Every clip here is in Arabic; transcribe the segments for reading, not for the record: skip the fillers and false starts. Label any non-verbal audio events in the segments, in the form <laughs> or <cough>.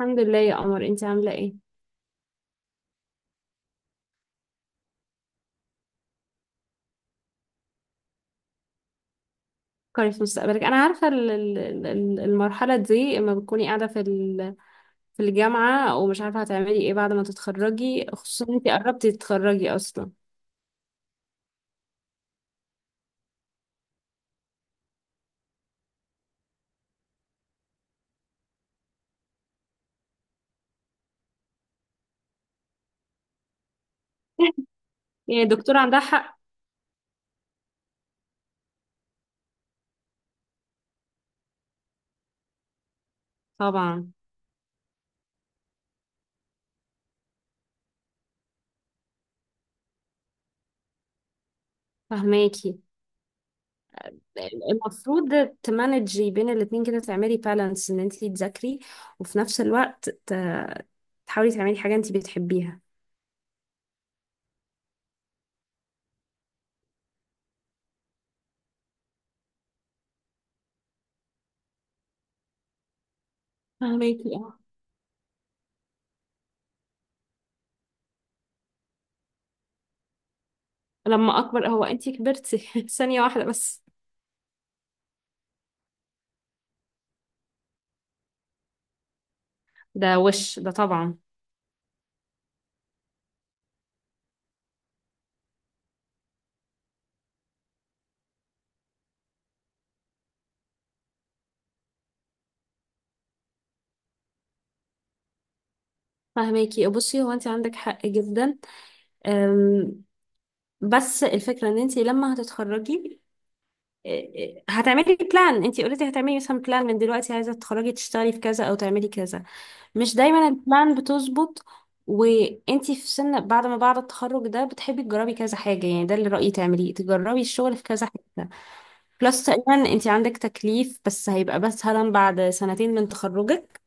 الحمد لله يا قمر، انت عامله ايه؟ فكري في مستقبلك. انا عارفه المرحله دي اما بتكوني قاعده في الجامعه ومش عارفه هتعملي ايه بعد ما تتخرجي، خصوصا انت قربتي تتخرجي اصلا. <laughs> يعني الدكتوره عندها حق طبعا. فهماكي. المفروض تمانجي بين الاتنين كده، تعملي بالانس ان انت تذاكري وفي نفس الوقت تحاولي تعملي حاجه انت بتحبيها. فهماكي اه. لما اكبر؟ هو انت كبرتي؟ <laughs> ثانيه واحده بس. ده وش ده طبعا. فهماكي، بصي، هو انت عندك حق جدا. أم، بس الفكره ان انت لما هتتخرجي هتعملي بلان. انت اوريدي هتعملي مثلا بلان من دلوقتي، عايزه تتخرجي تشتغلي في كذا او تعملي كذا. مش دايما البلان بتظبط. وانت في سن بعد ما بعد التخرج ده بتحبي تجربي كذا حاجه. يعني ده اللي رايي تعمليه، تجربي الشغل في كذا حاجه. بلس تقريبا انت عندك تكليف، بس هيبقى بس هلا بعد سنتين من تخرجك.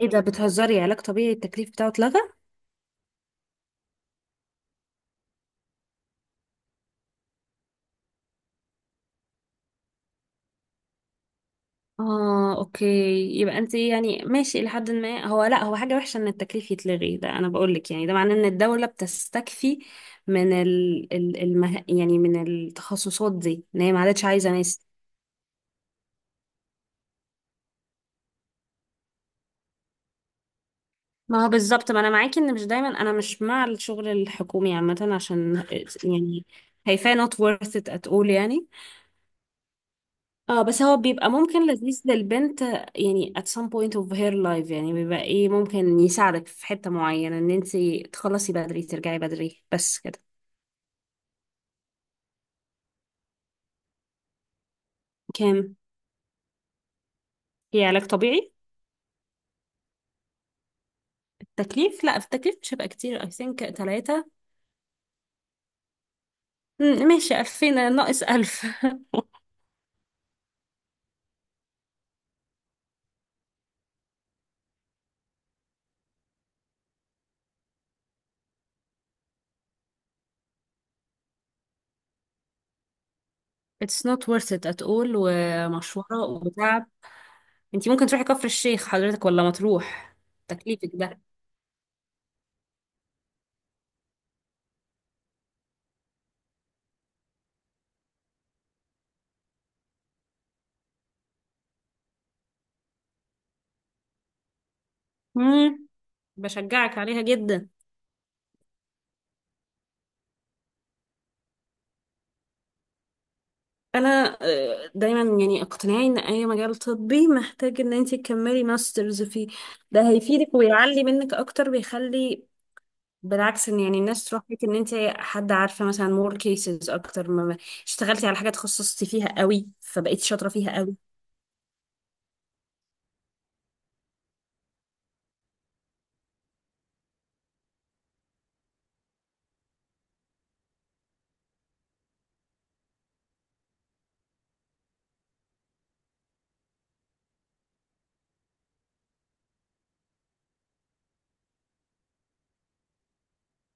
ايه ده؟ بتهزري؟ علاج طبيعي التكليف بتاعه اتلغى؟ اه، اوكي. يبقى انت يعني ماشي الى حد ما. هو لا هو حاجه وحشه ان التكليف يتلغي، ده انا بقول لك. يعني ده معناه ان الدوله بتستكفي من ال ال المه... يعني من التخصصات دي، ان هي ما عادتش عايزه ناس. ما هو بالظبط، ما انا معاكي. ان مش دايما، انا مش مع الشغل الحكومي عامه، عشان يعني هيفاه not worth it at all يعني. اه بس هو بيبقى ممكن لذيذ للبنت يعني at some point of her life. يعني بيبقى ايه، ممكن يساعدك في حتة معينة، ان انتي تخلصي بدري ترجعي بدري، بس كده. كام؟ هي علاج طبيعي؟ التكليف؟ لا، في التكليف مش هيبقى كتير، I think 3. ماشي، 2000 ناقص 1000. <laughs> it's not worth it at all ومشورة وتعب. انتي ممكن تروحي كفر الشيخ حضرتك، ولا مطروح تكليفك ده. مم. بشجعك عليها جدا. انا دايما يعني اقتناعي ان اي مجال طبي محتاج ان انت تكملي ماسترز فيه. ده هيفيدك ويعلي منك اكتر، بيخلي بالعكس، ان يعني الناس تروح لك ان انت حد عارفه مثلا، مور كيسز اكتر. ما اشتغلتي على حاجه تخصصتي فيها قوي، فبقيتي شاطره فيها قوي.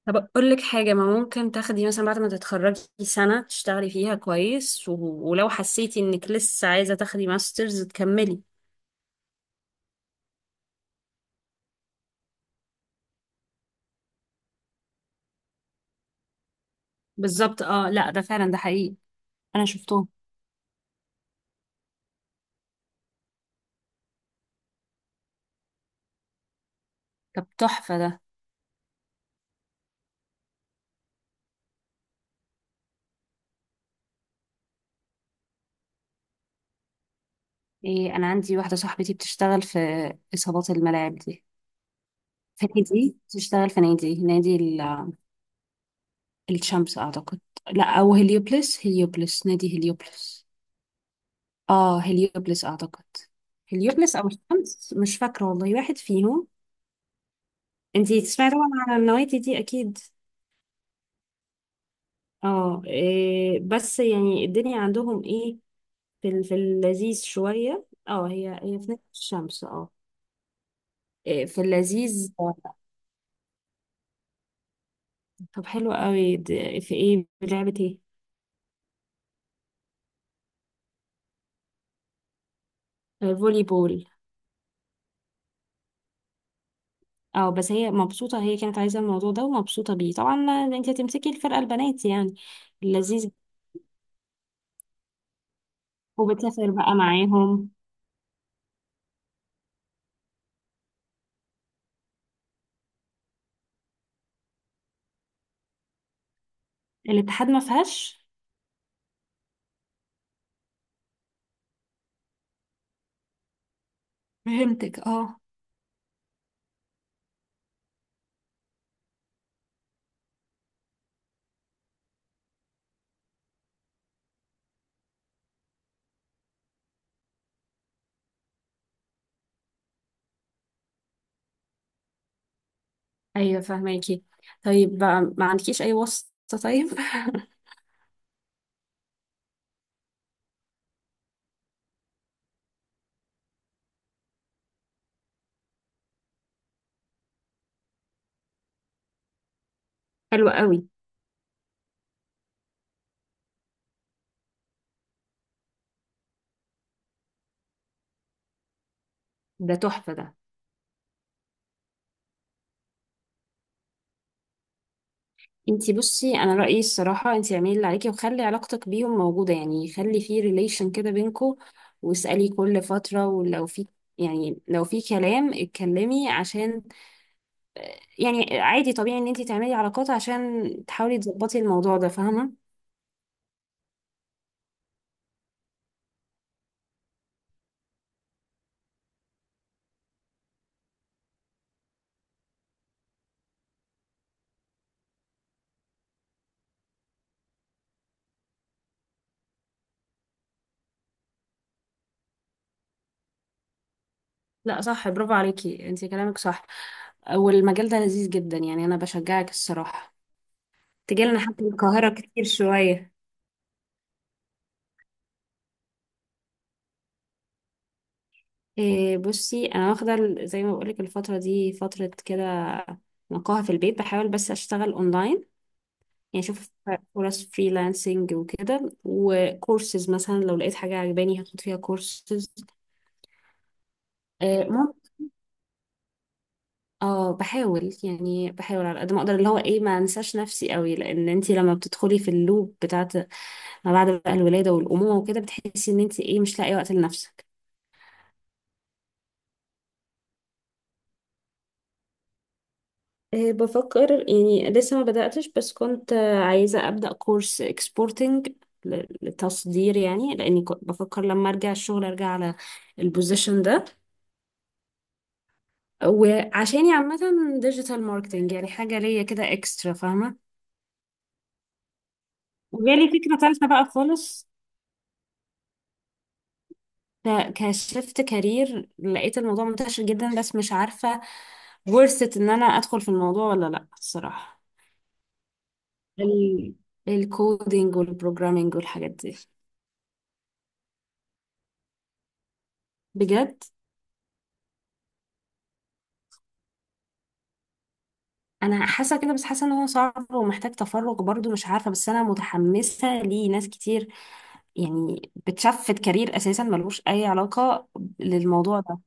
طب اقول لك حاجه، ما ممكن تاخدي مثلا بعد ما تتخرجي سنه تشتغلي فيها كويس و... ولو حسيتي انك لسه عايزه تاخدي ماسترز تكملي. بالظبط، اه لا ده فعلا، ده حقيقي. انا شفتهم. طب تحفه ده. إيه، أنا عندي واحدة صاحبتي بتشتغل في إصابات الملاعب دي. في نادي، بتشتغل في نادي، نادي الشمس أعتقد. لا أو هليوبلس، هليوبلس، نادي هليوبلس. آه هليوبلس أعتقد. هليوبلس أو الشمس مش فاكرة والله، واحد فيهم. انتي تسمعي طبعا عن النوادي دي أكيد. اه إيه، بس يعني الدنيا عندهم ايه، في اللذيذ شوية. اه، هي هي في نادي الشمس اه. إيه، في اللذيذ. طب حلو قوي، في ايه، لعبة ايه؟ فولي بول. اه بس هي مبسوطة، هي كانت عايزة الموضوع ده ومبسوطة بيه طبعا. انت هتمسكي الفرقة، البنات يعني. لذيذ. وبتسافر بقى معاهم؟ الاتحاد ما فيهاش؟ فهمتك اه. ايوه فهماكي. طيب بقى ما عندكيش اي واسطة طيب؟ <laughs> حلو قوي. ده تحفة ده. انتي بصي، انا رأيي الصراحة انتي اعملي اللي عليكي، وخلي علاقتك بيهم موجودة. يعني خلي في ريليشن كده بينكوا، واسألي كل فترة، ولو في يعني لو في كلام اتكلمي. عشان يعني عادي طبيعي ان انت تعملي علاقات عشان تحاولي تظبطي الموضوع ده، فاهمة؟ لا صح، برافو عليكي، انت كلامك صح. والمجال ده لذيذ جدا، يعني انا بشجعك الصراحة. تجيلنا حتى من القاهرة كتير شوية. إيه بصي، انا واخدة زي ما بقولك الفترة دي فترة كده نقاهة في البيت. بحاول بس اشتغل اونلاين، يعني اشوف فرص فريلانسنج وكده، وكورسز مثلا لو لقيت حاجة عجباني هاخد فيها كورسز. اه بحاول، يعني بحاول على قد ما اقدر، اللي هو ايه، ما انساش نفسي قوي، لان انت لما بتدخلي في اللوب بتاعت ما بعد بقى الولاده والامومه وكده، بتحسي ان انت ايه مش لاقي وقت لنفسك. بفكر يعني، لسه ما بداتش، بس كنت عايزه ابدا كورس اكسبورتنج، للتصدير يعني، لاني كنت بفكر لما ارجع الشغل ارجع على البوزيشن ده. وعشاني عامه ديجيتال ماركتنج، يعني حاجه ليا كده اكسترا، فاهمه؟ وجالي فكره ثالثه بقى خالص، فكشفت كارير لقيت الموضوع منتشر جدا، بس مش عارفة ورثة ان انا ادخل في الموضوع ولا لا الصراحة. ال... الكودينج والبروجرامينج والحاجات دي. بجد؟ انا حاسة كده، بس حاسة ان هو صعب ومحتاج تفرغ برضو مش عارفة. بس انا متحمسة ليه، ناس كتير يعني بتشفت كارير اساسا ملوش اي علاقة للموضوع ده.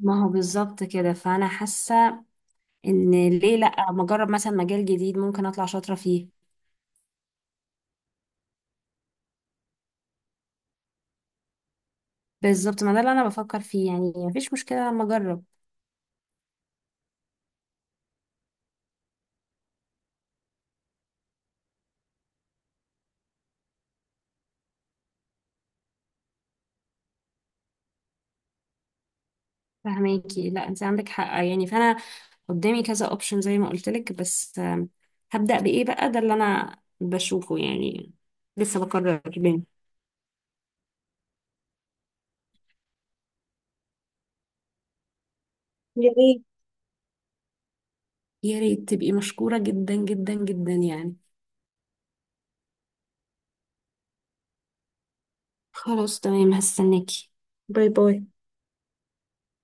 ما هو بالظبط كده، فانا حاسة ان ليه لا، ما اجرب مثلا مجال جديد، ممكن اطلع شاطرة فيه. بالظبط، ما ده اللي انا بفكر فيه، يعني مفيش مشكله لما اجرب. فهماكي، لا انت عندك حق يعني. فانا قدامي كذا اوبشن زي ما قلت لك، بس هبدا بايه بقى، ده اللي انا بشوفه يعني. لسه بقرر بين. يا ريت، يا ريت، تبقي مشكوره جدا جدا جدا يعني. خلاص تمام، هستناكي. باي باي.